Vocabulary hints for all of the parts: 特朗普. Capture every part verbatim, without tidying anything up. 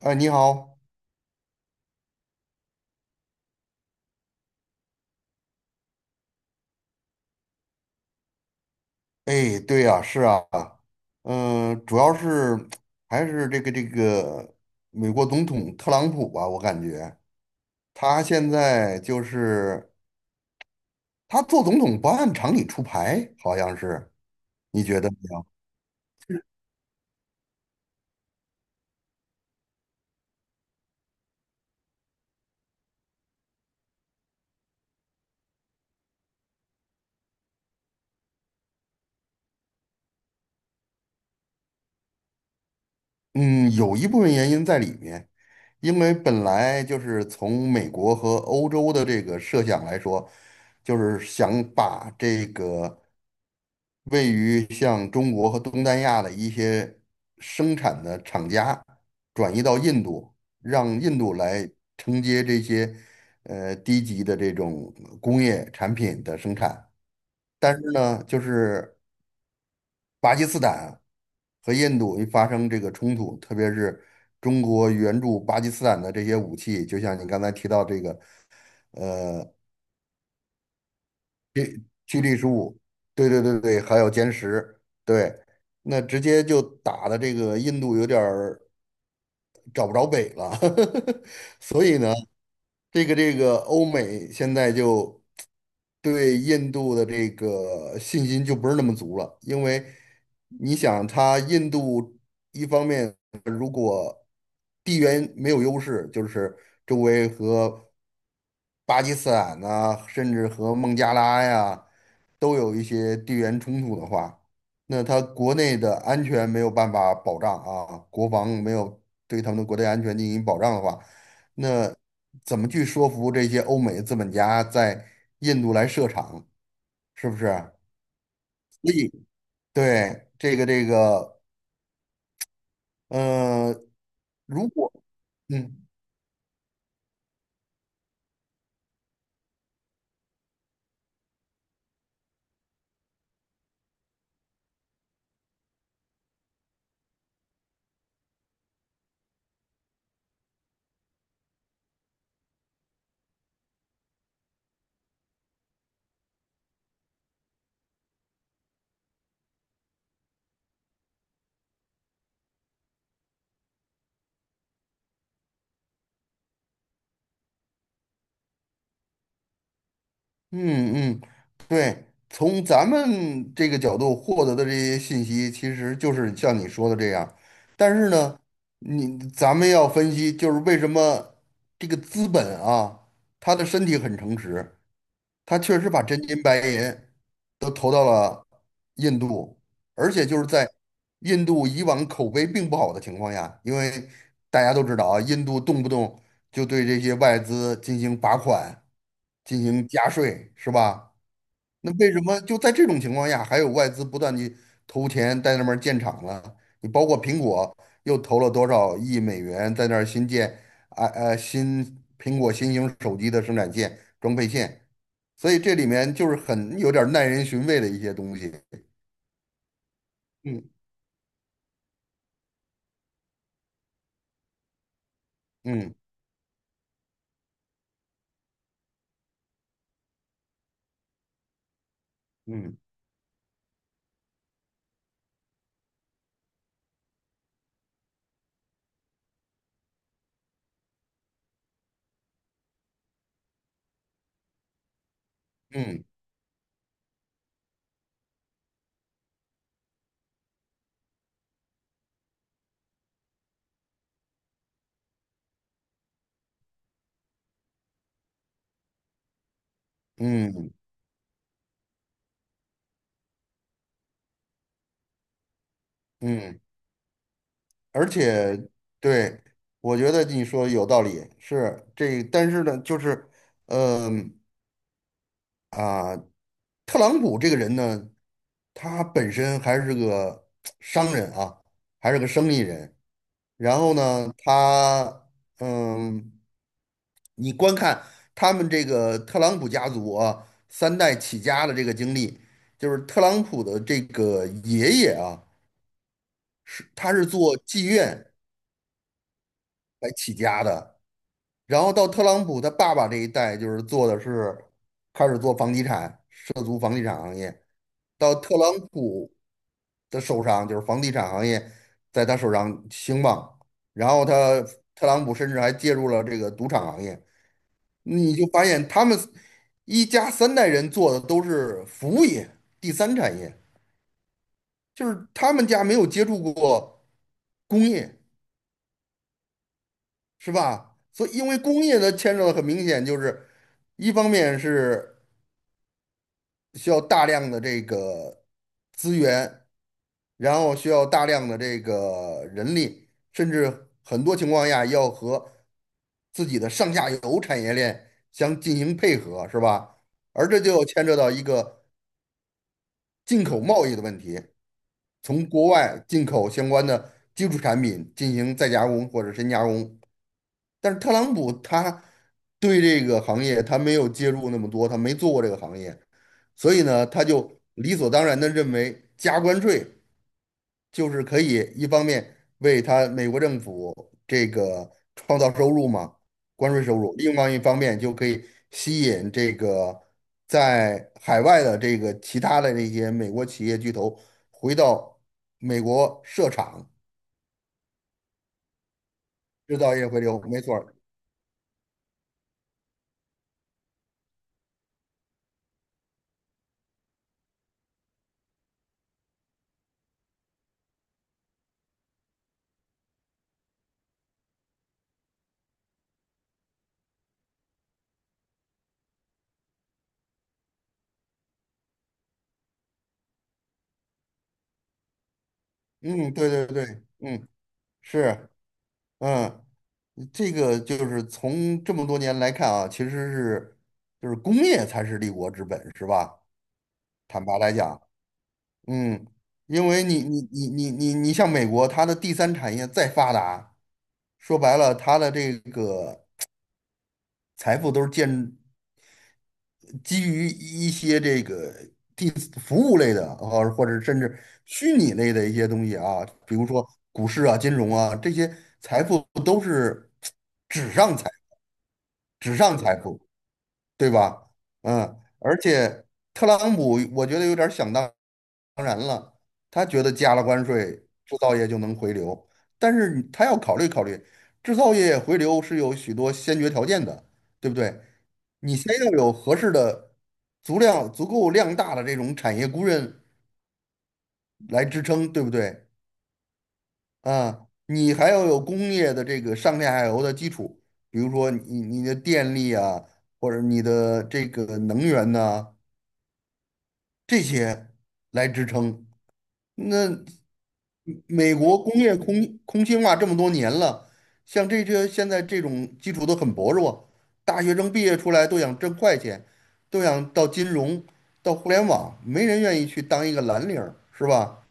哎，你好。哎，对呀，是啊。嗯，主要是还是这个这个美国总统特朗普吧，我感觉他现在就是他做总统不按常理出牌，好像是。你觉得呢？嗯，有一部分原因在里面。因为本来就是从美国和欧洲的这个设想来说，就是想把这个位于像中国和东南亚的一些生产的厂家转移到印度，让印度来承接这些呃低级的这种工业产品的生产。但是呢，就是巴基斯坦和印度一发生这个冲突，特别是中国援助巴基斯坦的这些武器，就像你刚才提到这个驱力十五。对对对对，还有歼十。对，那直接就打的这个印度有点儿找不着北了。所以呢，这个这个欧美现在就对印度的这个信心就不是那么足了。因为你想，它印度一方面。地缘没有优势，就是周围和巴基斯坦呐、甚至和孟加拉呀，都有一些地缘冲突的话，那他国内的安全没有办法保障啊，国防没有对他们的国内安全进行保障的话，怎么去说服这些欧美资本家在印度来设厂？是不是？对，这个这个，呃，如果。嗯。嗯嗯，对，从咱们这个角度获得的这些信息，其实就是像你说的这样。但是呢，你咱们要分析，就是为什么这个资本啊，他的身体很诚实，他确实把真金白银都投到了印度，而且就是在印度以往口碑并不好的情况下，因为大家都知道啊，印度动不动就对这些外资进行罚款、进行加税，是吧？那为什么就在这种情况下，还有外资不断去投钱在那边儿建厂呢？你包括苹果又投了多少亿美元在那儿新建啊呃新苹果新型手机的生产线装配线，所以这里面就是很有点儿耐人寻味的一些东西。嗯嗯嗯嗯嗯嗯，而且对，我觉得你说有道理，是这，但是呢，就是，嗯、啊，特朗普这个人呢，他本身还是个 商人啊，还是个生意人。然后呢，他嗯，你观看他们这个特朗普家族啊，三代起家的这个经历，就是特朗普的这个爷爷啊，是他是做妓院来起家的，然后到特朗普他爸爸这一代，就是做的是开始做房地产，涉足房地产行业。到特朗普的手上，就是房地产行业在他手上兴旺，然后他特朗普甚至还介入了这个赌场行业，你就发现他们一家三代人做的都是服务业、第三产业，就是他们家没有接触过工业，是吧？所以因为工业的牵扯的很明显，就是一方面是。需要大量的这个资源，然后需要大量的这个人力，甚至很多情况下要和自己的上下游产业链相进行配合，是吧？而这就牵扯到一个进口贸易的问题，从国外进口相关的基础产品进行再加工或者深加工。但是特朗普他对这个行业他没有介入那么多，他没做过这个行业。所以呢，他就理所当然的认为加关税就是可以一方面为他美国政府这个创造收入嘛，关税收入，另外一方面就可以吸引这个在海外的这个其他的那些美国企业巨头回到美国设厂，制造业回流，没错儿。嗯，对对对。嗯，是。嗯，这个就是从这么多年来看啊，其实是就是工业才是立国之本，是吧？坦白来讲，嗯，因为你你你你你你像美国，它的第三产业再发达，说白了，它的这个财富都是建基于一些这个第服务类的啊，或者甚至虚拟类的一些东西啊，比如说股市啊、金融啊，这些财富都是纸上财，纸上财富。对吧？嗯，而且特朗普我觉得有点儿想当然了，他觉得加了关税，制造业就能回流，但是你他要考虑考虑，制造业回流是有许多先决条件的，对不对？你先要有合适的、足量足够量大的这种产业工人来支撑，对不对？啊，你还要有工业的这个上下游的基础，比如说你你的电力啊，或者你的这个能源呐、这些来支撑。那美国工业空空心化这么多年了，像这些现在这种基础都很薄弱，大学生毕业出来都想挣快钱，都想到金融、到互联网，没人愿意去当一个蓝领儿，是吧？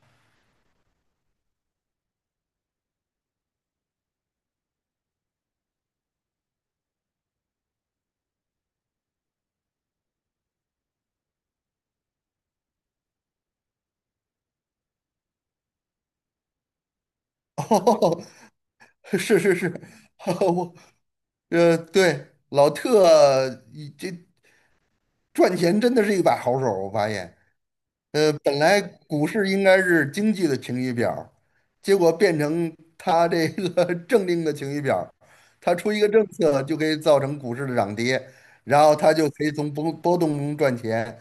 哦，是是是，我呃，对，老特这赚钱真的是一把好手，我发现。呃，本来股市应该是经济的晴雨表儿结果变成它这个 政令的晴雨表儿。它出一个政策就可以造成股市的涨跌，然后它就可以从波波动中赚钱。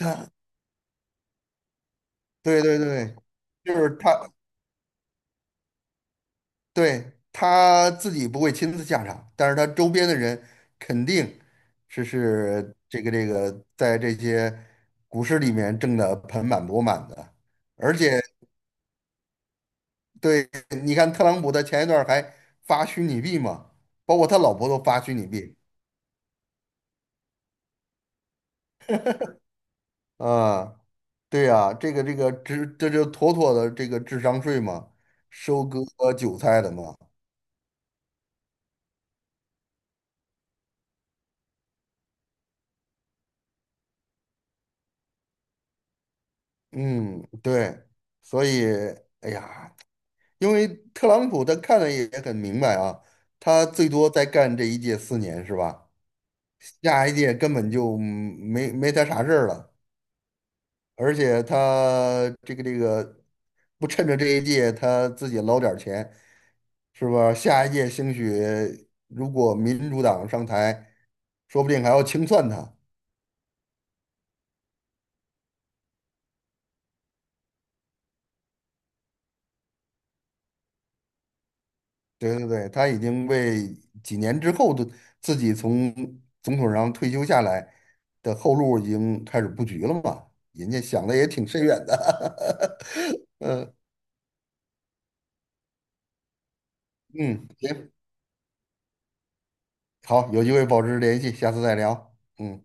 它对对对，就是他对他自己不会亲自下场，但是他周边的人肯定是是这个这个在这些股市里面挣得盆满钵满的，而且。对，你看特朗普他前一段儿还发虚拟币嘛，包括他老婆都发虚拟币。啊，对呀，这个这个这这就妥妥的这个智商税嘛，收割韭菜的嘛。嗯，对，所以，哎呀，因为特朗普他看的也很明白啊，他最多再干这一届四年是吧？下一届根本就没没他啥事儿了。而且他这个这个不趁着这一届他自己捞点儿钱，是吧？下一届兴许如果民主党上台，说不定还要清算他。对对对，他已经为几年之后的自己从总统上退休下来的后路已经开始布局了嘛，人家想的也挺深远的。嗯，行，好，有机会保持联系，下次再聊。嗯。